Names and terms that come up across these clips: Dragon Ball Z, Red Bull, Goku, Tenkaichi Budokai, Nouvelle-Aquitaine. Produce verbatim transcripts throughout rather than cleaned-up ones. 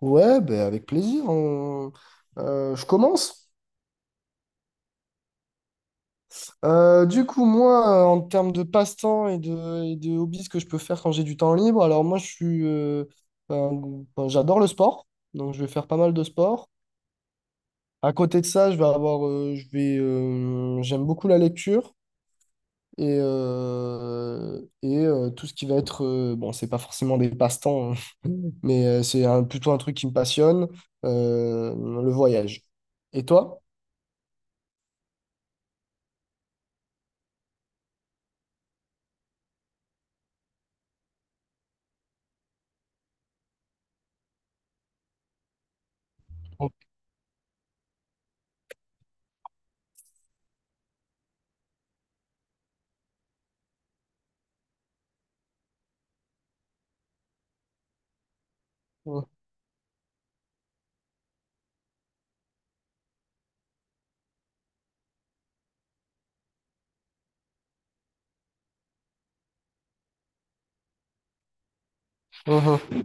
Ouais, ben avec plaisir. on- euh, je commence. Euh, du coup, moi, euh, en termes de passe-temps et de, et de hobbies que je peux faire quand j'ai du temps libre. Alors moi, je suis, euh, un- enfin, j'adore le sport, donc je vais faire pas mal de sport. À côté de ça, je vais avoir, euh, je vais, euh, j'aime beaucoup la lecture et, euh, et euh, tout ce qui va être, euh, bon, c'est pas forcément des passe-temps, hein, mais euh, c'est un- plutôt un truc qui me passionne, euh, le voyage. Et toi? Mhm.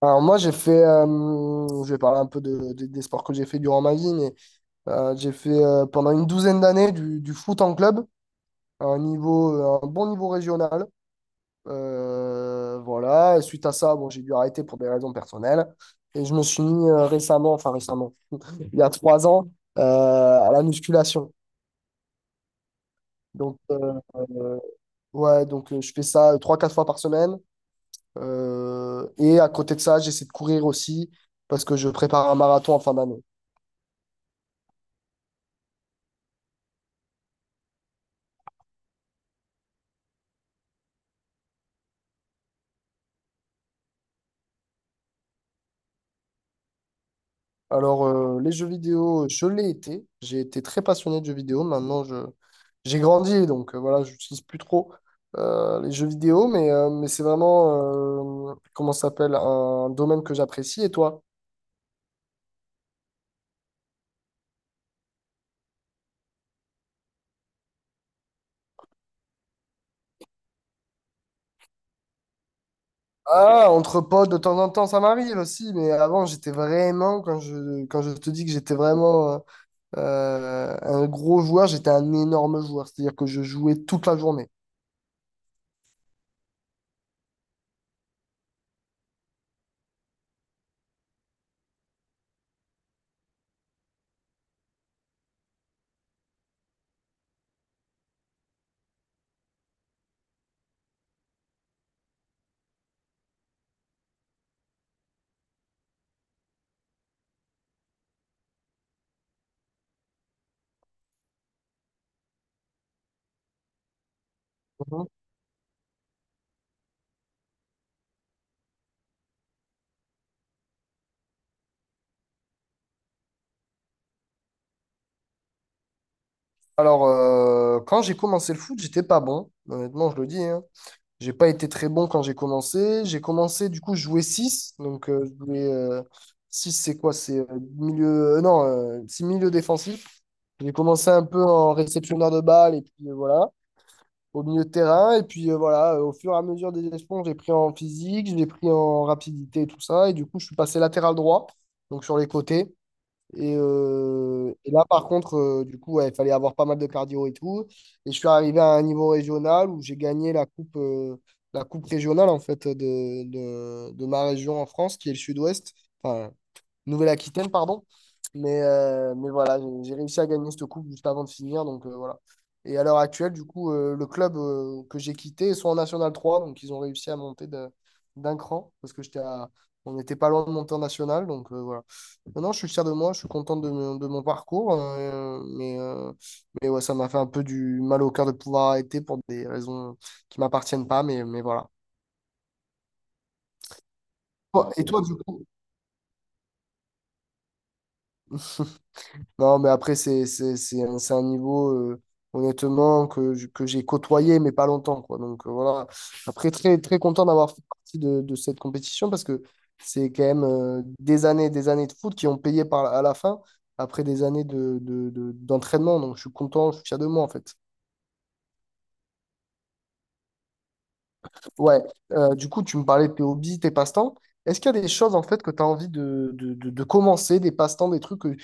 Alors moi j'ai fait, euh, je vais parler un peu de, de- des sports que j'ai fait durant ma vie, mais euh, j'ai fait euh, pendant une douzaine d'années du, du foot en club, à un niveau, euh, un bon niveau régional. Euh, voilà. Et suite à ça, bon, j'ai dû arrêter pour des raisons personnelles. Et je me suis mis euh, récemment, enfin récemment, il y a trois ans, euh, à la musculation. Donc euh, euh, ouais, donc euh, je fais ça euh, trois, quatre fois par semaine. Euh, et à côté de ça, j'essaie de courir aussi parce que je prépare un marathon en fin d'année. Alors, euh, les jeux vidéo, je l'ai été. J'ai été très passionné de jeux vidéo. Maintenant, je, j'ai grandi, donc euh, voilà, j'utilise plus trop euh, les jeux vidéo, mais, euh, mais c'est vraiment, euh, comment ça s'appelle, un domaine que j'apprécie. Et toi? Ah, entre potes, de temps en temps, ça m'arrive aussi, mais avant, j'étais vraiment, quand je, quand je te dis que j'étais vraiment euh, euh, un gros joueur, j'étais un énorme joueur, c'est-à-dire que je jouais toute la journée. Mhm. Alors, euh, quand j'ai commencé le foot, j'étais pas bon, honnêtement, je le dis, hein. J'ai pas été très bon quand j'ai commencé. J'ai commencé, du coup, je jouais six. Donc, euh, je jouais euh, six c'est quoi? C'est euh, milieu. Euh, non, euh, c'est milieu défensif. J'ai commencé un peu en réceptionneur de balles et puis euh, voilà, au milieu de terrain. Et puis euh, voilà, euh, au fur et à mesure des échelons, j'ai pris en physique, j'ai pris en rapidité et tout ça. Et du coup, je suis passé latéral droit, donc sur les côtés. Et, euh, et là, par contre, euh, du coup, ouais, il fallait avoir pas mal de cardio et tout. Et je suis arrivé à un niveau régional où j'ai gagné la coupe, euh, la coupe régionale, en fait, de, de, de ma région en France, qui est le sud-ouest. Enfin, Nouvelle-Aquitaine, pardon. Mais, euh, mais voilà, j'ai j'ai réussi à gagner cette coupe juste avant de finir. Donc euh, voilà. Et à l'heure actuelle, du coup, euh, le club euh, que j'ai quitté est soit en National trois, donc ils ont réussi à monter de- d'un cran, parce que j'étais à- on n'était pas loin de monter en National. Donc euh, voilà. Maintenant, je suis fier de moi, je suis content de, mon de mon parcours. euh, mais euh, mais ouais, ça m'a fait un peu du mal au cœur de pouvoir arrêter pour des raisons qui m'appartiennent pas. Mais, mais voilà. Ah, et toi, bon. du coup, Non, mais après, c'est c'est- c'est un, c'est un niveau, euh, honnêtement, que, j- que j'ai côtoyé, mais pas longtemps, quoi. Donc, euh, voilà. Après, très, très content d'avoir fait partie de, de cette compétition, parce que c'est quand même euh, des années et des années de foot qui ont payé par, à la fin, après des années de, de- de- d'entraînement. Donc, je suis content, je suis fier de moi, en fait. Ouais. Euh, du coup, tu me parlais de tes hobbies, tes passe-temps. Est-ce qu'il y a des choses, en fait, que tu as envie de, de, de- de commencer, des passe-temps, des trucs que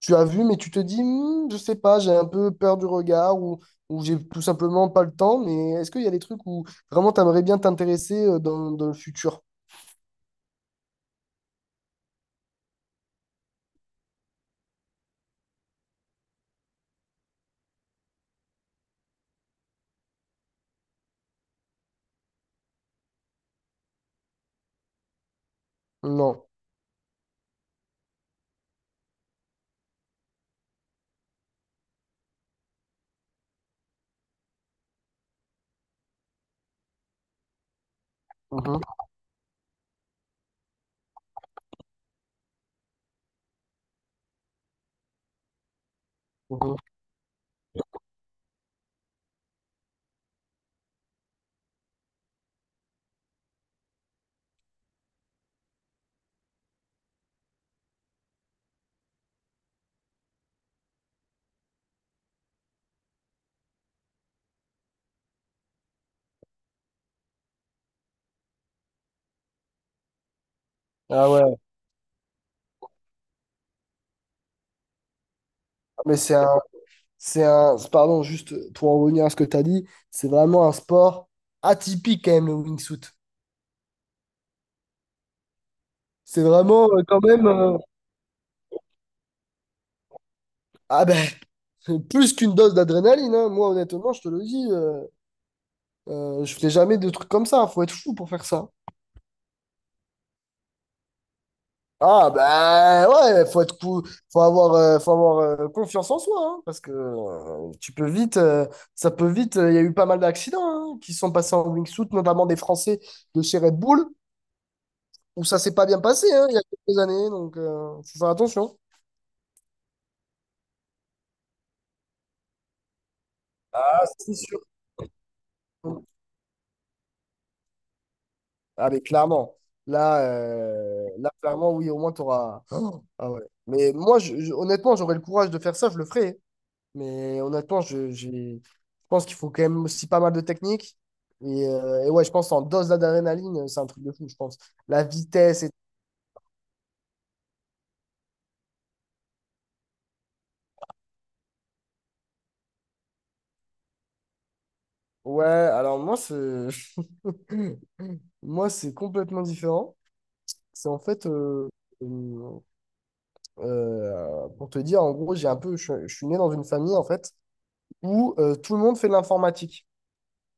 tu as vu, mais tu te dis, hmm, je sais pas, j'ai un peu peur du regard, ou, ou j'ai tout simplement pas le temps. Mais est-ce qu'il y a des trucs où vraiment tu aimerais bien t'intéresser euh, dans, dans le futur? Non. Mhm, mhm. Ah ouais, mais c'est un, c'est un, pardon, juste pour en revenir à ce que tu as dit, c'est vraiment un sport atypique quand même, le wingsuit. C'est vraiment euh, quand même, euh, ah ben, plus qu'une dose d'adrénaline, hein. Moi, honnêtement, je te le dis, euh, euh, je fais jamais de trucs comme ça, faut être fou pour faire ça. Ah ben ouais, faut être cou- faut avoir, euh, faut avoir euh, confiance en soi, hein, parce que euh, tu peux vite, euh, ça peut vite. euh, Il y a eu pas mal d'accidents, hein, qui sont passés en wingsuit, notamment des Français de chez Red Bull, où ça s'est pas bien passé, hein, il y a quelques années, donc euh, faut faire attention. Ah, c'est sûr. Ah mais clairement, là, euh, là clairement oui, au moins t'auras. Oh, ah ouais. Mais moi, je- je- honnêtement, j'aurais le courage de faire ça, je le ferais. Mais honnêtement, je, j'ai- je pense qu'il faut quand même aussi pas mal de technique. Et, euh, et ouais, je pense en dose d'adrénaline, c'est un truc de fou, je pense. La vitesse et... Ouais, alors moi, c'est... moi, c'est complètement différent. C'est en fait... euh, euh, euh, pour te dire, en gros, j'ai un peu... Je, suis je suis né dans une famille, en fait, où euh, tout le monde fait de l'informatique.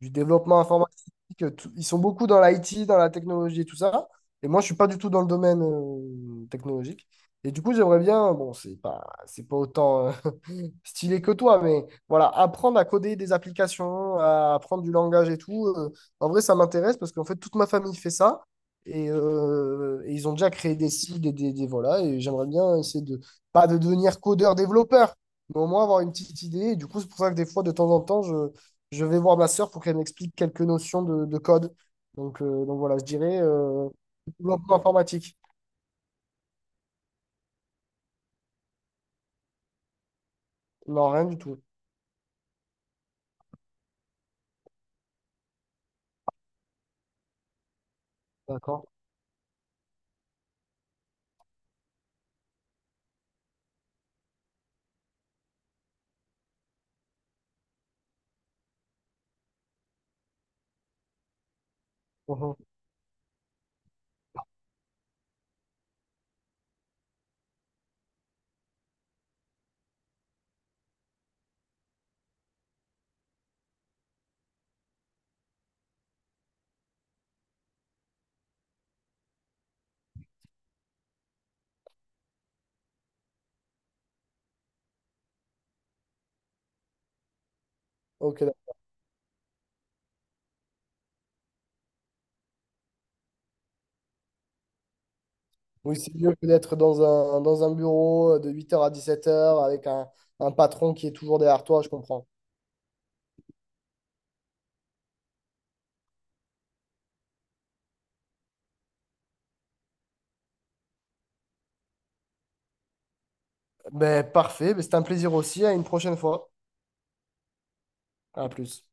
Du développement informatique. euh, tout- Ils sont beaucoup dans l'I T, dans la technologie et tout ça. Et moi, je suis pas du tout dans le domaine euh, technologique. Et du coup, j'aimerais bien, bon, c'est pas, c'est pas autant euh, stylé que toi, mais voilà, apprendre à coder des applications, à apprendre du langage et tout. Euh, en vrai, ça m'intéresse parce qu'en fait, toute ma famille fait ça. Et, euh, et ils ont déjà créé des sites, et des, des- voilà. Et j'aimerais bien essayer de, pas de devenir codeur-développeur, mais au moins avoir une petite idée. Et du coup, c'est pour ça que des fois, de temps en temps, je, je vais voir ma sœur pour qu'elle m'explique quelques notions de, de code. Donc, euh, donc voilà, je dirais euh, développement informatique. Non, rien du tout. D'accord. Mhm. Ok. D'accord. Oui, c'est mieux que d'être dans un, dans un bureau euh, de huit heures à dix-sept heures avec un, un patron qui est toujours derrière toi, je comprends. Ben, parfait, ben, c'était un plaisir aussi. À une prochaine fois. À plus.